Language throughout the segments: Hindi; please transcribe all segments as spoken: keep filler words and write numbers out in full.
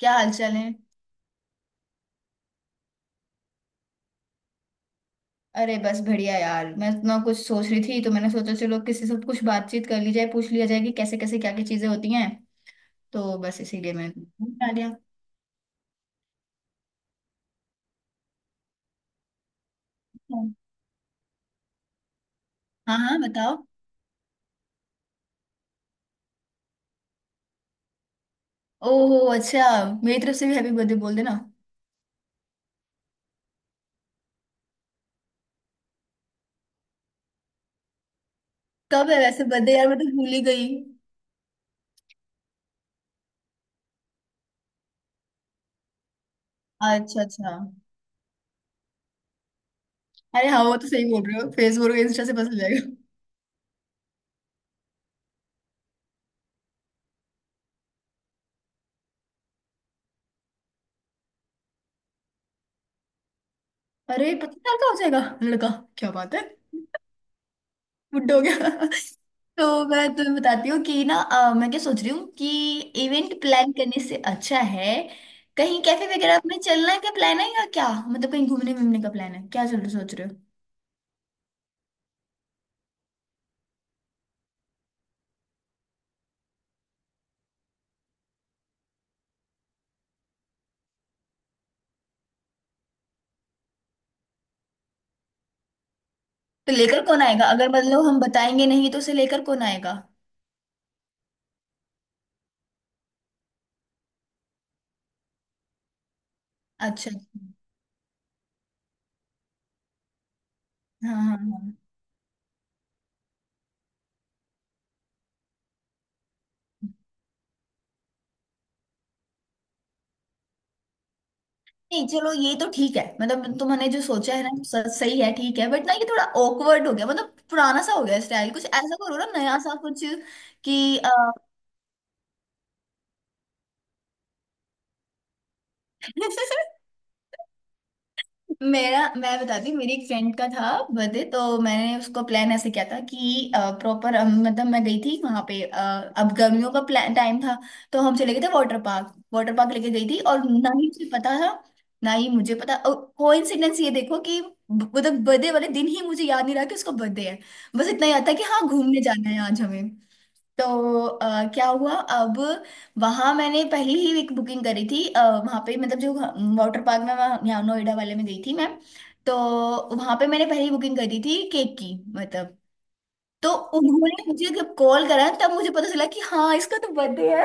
क्या हाल चाल है। अरे बस बढ़िया यार मैं इतना कुछ सोच रही थी, तो मैंने सोचा चलो किसी से कुछ बातचीत कर ली जाए, पूछ लिया जाए कि कैसे कैसे क्या क्या चीजें होती हैं। तो बस इसीलिए मैं आ गया। हाँ हाँ, बताओ। ओहो अच्छा। मेरी तरफ से भी हैप्पी बर्थडे बोल देना। कब है वैसे बर्थडे यार, मैं तो भूल ही गई। अच्छा अच्छा। अरे हाँ, वो तो सही बोल रहे हो, फेसबुक और इंस्टा से पता चल जाएगा। अरे पच्चीस साल का हो जाएगा लड़का। क्या बात है। बुड्ढा हो गया तो मैं तुम्हें बताती हूँ कि ना, अ, मैं क्या सोच रही हूँ कि इवेंट प्लान करने से अच्छा है कहीं कैफे वगैरह में चलना का प्लान है, या क्या मतलब कहीं घूमने घूमने का प्लान है क्या, चल सोच रहे हो। तो लेकर कौन आएगा, अगर मतलब हम बताएंगे नहीं तो उसे लेकर कौन आएगा। अच्छा अच्छा। हाँ हाँ हाँ। नहीं चलो ये तो ठीक है, मतलब तुमने जो सोचा है ना वो स- सही है, ठीक है, बट ना ये थोड़ा ऑकवर्ड हो गया, मतलब पुराना सा हो गया स्टाइल, कुछ ऐसा करो ना नया सा कुछ। कि अ, मेरा मैं बताती हूँ, मेरी एक फ्रेंड का था बर्थडे, तो मैंने उसको प्लान ऐसे किया था कि प्रॉपर मतलब मैं गई थी वहां पे, अ, अब गर्मियों का प्लान टाइम था। तो हम चले गए थे वाटर पार्क, वाटर पार्क लेके गई थी, और ना ही मुझे पता था, ना ही मुझे पता, कोइंसिडेंस ये देखो कि ब- मतलब बर्थडे वाले दिन ही मुझे याद नहीं रहा कि उसका बर्थडे है। बस इतना याद था कि हाँ घूमने जाना है आज हमें। तो अ, क्या हुआ अब, वहां मैंने पहले ही एक बुकिंग करी थी uh, वहां पे मतलब जो वाटर पार्क में वहाँ- यहाँ नोएडा वाले में गई थी मैं। तो वहां पे मैंने पहले ही बुकिंग करी थी केक की, मतलब। तो उन्होंने मुझे जब कॉल करा तब मुझे पता चला कि हाँ इसका तो बर्थडे है।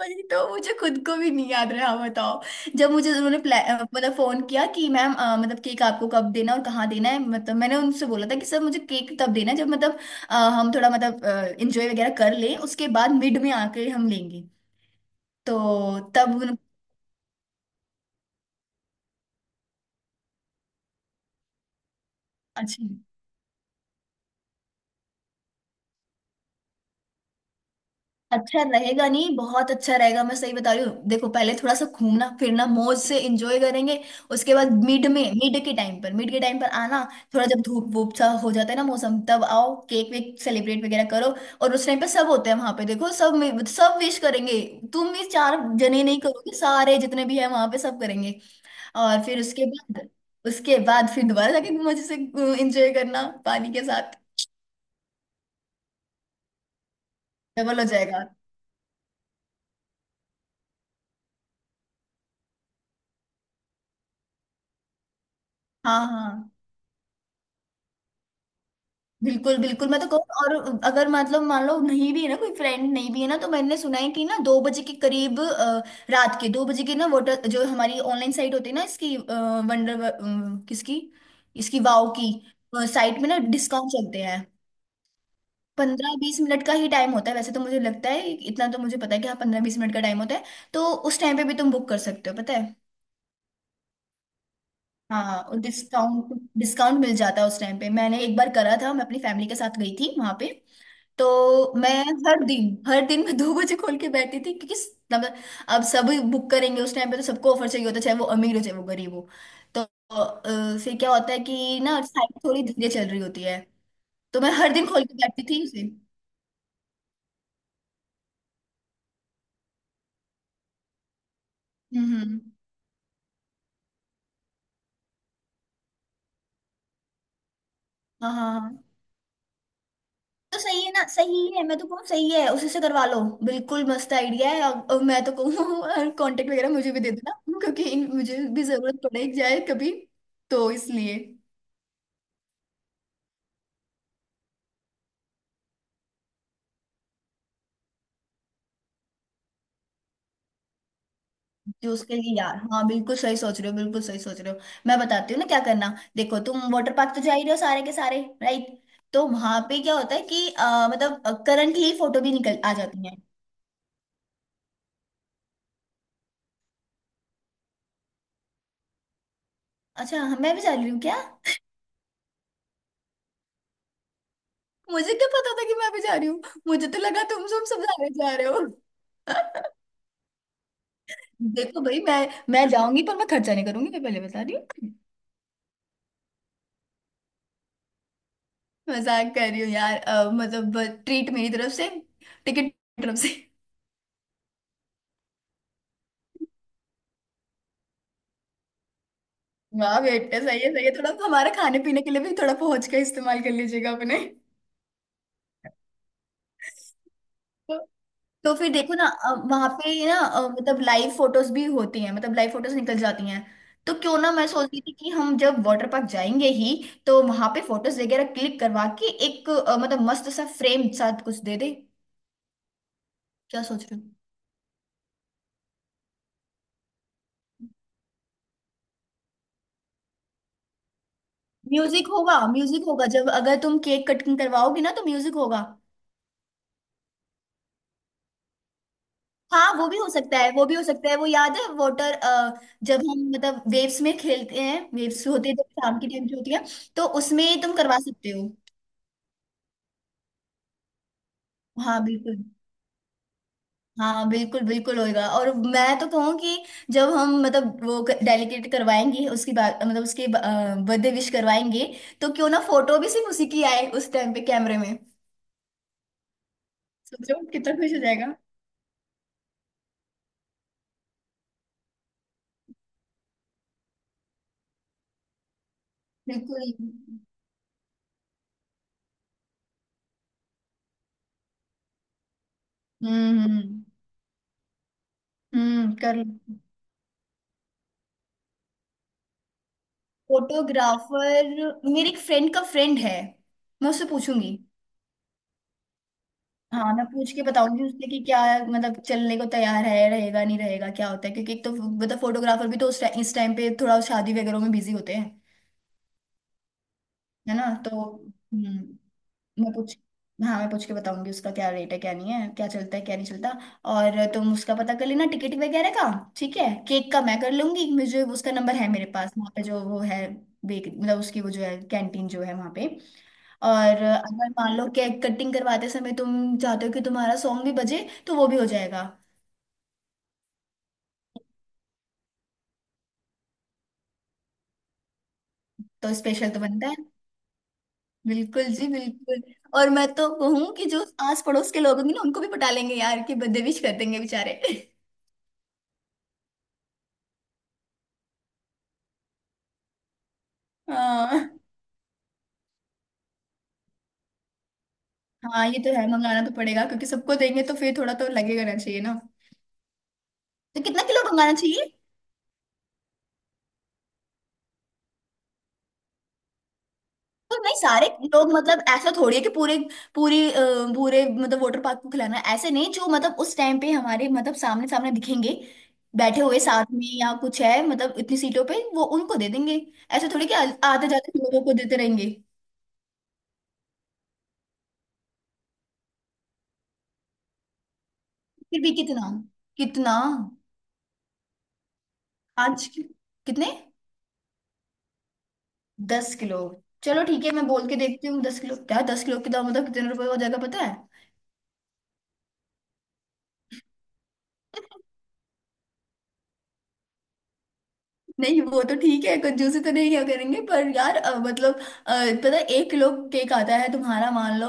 वही तो, मुझे खुद को भी नहीं याद रहा, बताओ। जब मुझे उन्होंने प्ला- अ, मतलब फोन किया कि मैम अ, मतलब केक आपको कब देना और कहाँ देना है, मतलब मैंने उनसे बोला था कि सर मुझे केक तब देना है जब मतलब अ, हम थोड़ा मतलब इंजॉय वगैरह कर लें, उसके बाद मिड में आके हम लेंगे। तो तब उन। अच्छा। अच्छा रहेगा, नहीं बहुत अच्छा रहेगा, मैं सही बता रही हूँ, देखो पहले थोड़ा सा घूमना फिरना मौज से एंजॉय करेंगे। उसके बाद मिड में, मिड के टाइम पर मिड के टाइम पर आना। थोड़ा जब धूप वूप सा हो जाता है ना मौसम, तब आओ केक वेक सेलिब्रेट वगैरह करो। और उस टाइम पर सब होते हैं वहां पे, देखो सब मि- सब विश करेंगे। तुम ही चार जने नहीं करोगे, सारे जितने भी हैं वहां पे सब करेंगे। और फिर उसके बाद, उसके बाद फिर दोबारा जाके मजे से एंजॉय करना पानी के साथ। डबल हो जाएगा। हाँ हाँ। बिल्कुल बिल्कुल, मैं तो कहूँ, और अगर मतलब मान लो नहीं भी है ना कोई फ्रेंड, नहीं भी है ना, तो मैंने सुना है कि ना दो बजे के करीब, अ, रात के दो बजे के ना वोटर जो हमारी ऑनलाइन साइट होती है ना, इसकी वंडर। किसकी। इसकी वाओ की साइट में ना डिस्काउंट चलते हैं। पंद्रह बीस मिनट का ही टाइम होता है वैसे, तो मुझे लगता है, इतना तो मुझे पता है कि हाँ पंद्रह बीस मिनट का टाइम होता है। तो उस टाइम पे भी तुम बुक कर सकते हो, पता है। हाँ, और डिस्काउंट डिस्काउंट मिल जाता है उस टाइम पे, मैंने एक बार करा था, मैं अपनी फैमिली के साथ गई थी वहां पे। तो मैं हर दिन, हर दिन मैं दो बजे खोल के बैठती थी, क्योंकि स- मतलब अब सभी बुक करेंगे उस टाइम पे, तो सबको ऑफर चाहिए होता है, चाहे वो अमीर हो चाहे वो गरीब हो। तो अ, फिर क्या होता है कि ना साइट थोड़ी धीरे चल रही होती है। तो मैं हर दिन खोल के बैठती थी उसे। हम्म हम्म। हाँ हाँ हाँ। तो सही है ना, सही है, मैं तो कहूँ सही है, उसी से करवा लो। बिल्कुल मस्त आइडिया है, और, और मैं तो कहूँ कांटेक्ट वगैरह मुझे भी दे देना, क्योंकि इन- मुझे भी जरूरत पड़े जाए कभी, तो इसलिए। जो उसके लिए यार, हाँ बिल्कुल सही सोच रहे हो, बिल्कुल सही सोच रहे हो। मैं बताती हूँ ना क्या करना। देखो तुम वाटर पार्क तो जा ही रहे हो सारे के सारे, राइट। तो वहां पे क्या होता है कि अ, मतलब करंटली फोटो भी निकल आ जाती है। अच्छा, हाँ, मैं भी जा रही हूँ क्या। मुझे क्या पता था कि मैं भी जा रही हूँ। मुझे तो लगा तुम सब सब जा रहे जा रहे हो देखो भाई, मैं मैं जाऊंगी पर मैं खर्चा नहीं करूंगी, मैं पहले बता रही हूँ। मजाक कर रही हूँ यार, अ, मतलब ट्रीट मेरी तरफ से, टिकट तरफ से। वाह बेटे, सही है सही है, थोड़ा हमारे खाने पीने के लिए भी थोड़ा पहुंच का इस्तेमाल कर लीजिएगा अपने। तो तो फिर देखो ना, वहां पे ना अ, मतलब लाइव फोटोज भी होती हैं, मतलब लाइव फोटोज निकल जाती हैं। तो क्यों ना, मैं सोच रही थी कि हम जब वाटर पार्क जाएंगे ही, तो वहां पे फोटोज वगैरह क्लिक करवा के एक अ, मतलब मस्त सा फ्रेम साथ कुछ दे दे। क्या सोच रहे हो। म्यूजिक होगा, म्यूजिक होगा जब अगर तुम केक कटिंग करवाओगे ना तो म्यूजिक होगा। हाँ, वो भी हो सकता है, वो भी हो सकता है, वो याद है वाटर, जब हम मतलब वेव्स में खेलते हैं, वेव्स होते हैं जब शाम के टाइम जो होती है, तो उसमें तुम करवा सकते हो। हाँ बिल्कुल। हाँ बिल्कुल बिल्कुल होएगा, और मैं तो कहूँ कि जब हम मतलब वो डेलीकेट करवाएंगे उसकी बात, मतलब उसके बर्थडे विश करवाएंगे, तो क्यों ना फोटो भी सिर्फ उसी की आए उस टाइम पे कैमरे में। सोचो कितना खुश हो जाएगा। बिल्कुल। हम्म हम्म। हम्म, कर लो। फोटोग्राफर, मेरे एक फ्रेंड का फ्रेंड है, मैं उससे पूछूंगी। हाँ मैं पूछ के बताऊंगी उससे कि क्या मतलब चलने को तैयार है, रहेगा नहीं रहेगा क्या होता है, क्योंकि एक तो मतलब फोटोग्राफर भी तो उस टाइम इस टाइम पे थोड़ा शादी वगैरह में बिजी होते हैं। है ना, तो हम्म। मैं पूछ हाँ मैं पूछ के बताऊंगी उसका क्या रेट है क्या नहीं है, क्या चलता है क्या नहीं चलता। और तुम उसका पता कर लेना टिकट वगैरह का। ठीक है, केक का मैं कर लूंगी, मुझे उसका नंबर है मेरे पास, वहाँ पे जो वो है, बेक, मतलब उसकी वो जो है कैंटीन जो है वहाँ पे। और अगर मान लो केक कटिंग करवाते समय तुम चाहते हो कि तुम्हारा सॉन्ग भी बजे, तो वो भी हो जाएगा। तो स्पेशल तो बनता है, बिल्कुल जी बिल्कुल। और मैं तो कहूँ कि जो आस पड़ोस के लोग होंगे ना उनको भी पटा लेंगे यार, कि बदतमीज कर देंगे बेचारे हाँ हाँ, ये तो है, मंगाना तो पड़ेगा क्योंकि सबको देंगे तो फिर थोड़ा तो लगेगा ना, चाहिए ना। तो कितना किलो मंगाना चाहिए। तो नहीं सारे लोग, मतलब ऐसा थोड़ी है कि पूरे पूरी अ, पूरे मतलब वाटर पार्क को खिलाना है। ऐसे नहीं, जो मतलब उस टाइम पे हमारे मतलब सामने सामने दिखेंगे बैठे हुए साथ में, या कुछ है मतलब इतनी सीटों पे वो उनको दे देंगे। ऐसे थोड़ी कि आते जाते लोगों को देते रहेंगे। फिर भी कितना, कितना, पाँच कि- कितने, दस किलो। चलो ठीक है, मैं बोल के देखती हूँ दस किलो, क्या दस किलो के दाम मतलब कितने रुपए हो जाएगा पता है। नहीं वो तो ठीक है, कंजूसी तो नहीं क्या करेंगे पर यार, अ, मतलब अ, पता है एक किलो केक आता है तुम्हारा मान लो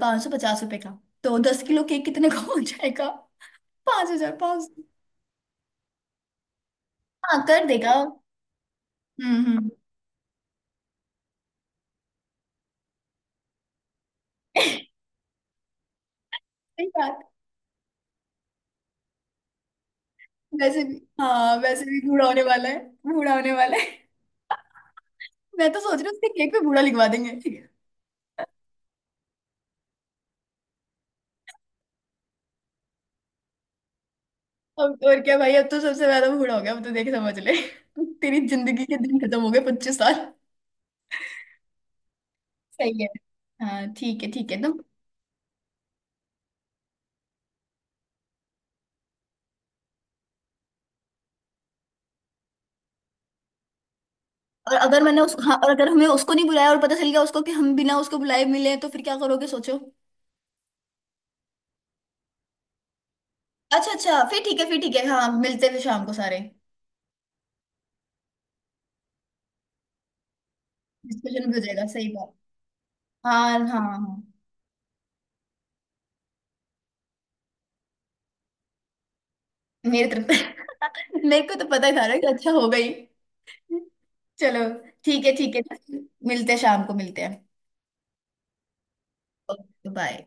पाँच सौ पचास रुपए का। तो दस किलो केक कितने का हो जाएगा। पाँच हजार पाँच सौ। हाँ कर देगा। हम्म हम्म। सही बात। वैसे भी, हाँ वैसे भी बूढ़ा होने वाला है, बूढ़ा होने वाला है। मैं तो सोच रही हूँ उसके केक पे बूढ़ा लिखवा देंगे। अब और क्या भाई, अब तो सबसे ज्यादा बूढ़ा हो गया, अब तो देख समझ ले तेरी जिंदगी के दिन खत्म हो गए पच्चीस साल। सही है। हाँ ठीक है ठीक है तो। और अगर मैंने उस हाँ और अगर हमें उसको नहीं बुलाया और पता चल गया उसको कि हम बिना उसको बुलाए मिले, तो फिर क्या करोगे सोचो। अच्छा अच्छा, फिर ठीक है, फिर ठीक है, हाँ मिलते हैं फिर शाम को सारे। डिस्कशन भी हो जाएगा, सही बात। हाँ हाँ हाँ। मेरी तरफ मेरे को तो पता था ना कि अच्छा हो गई। चलो। ठीक है ठीक है, मिलते हैं शाम को, मिलते हैं। Okay bye.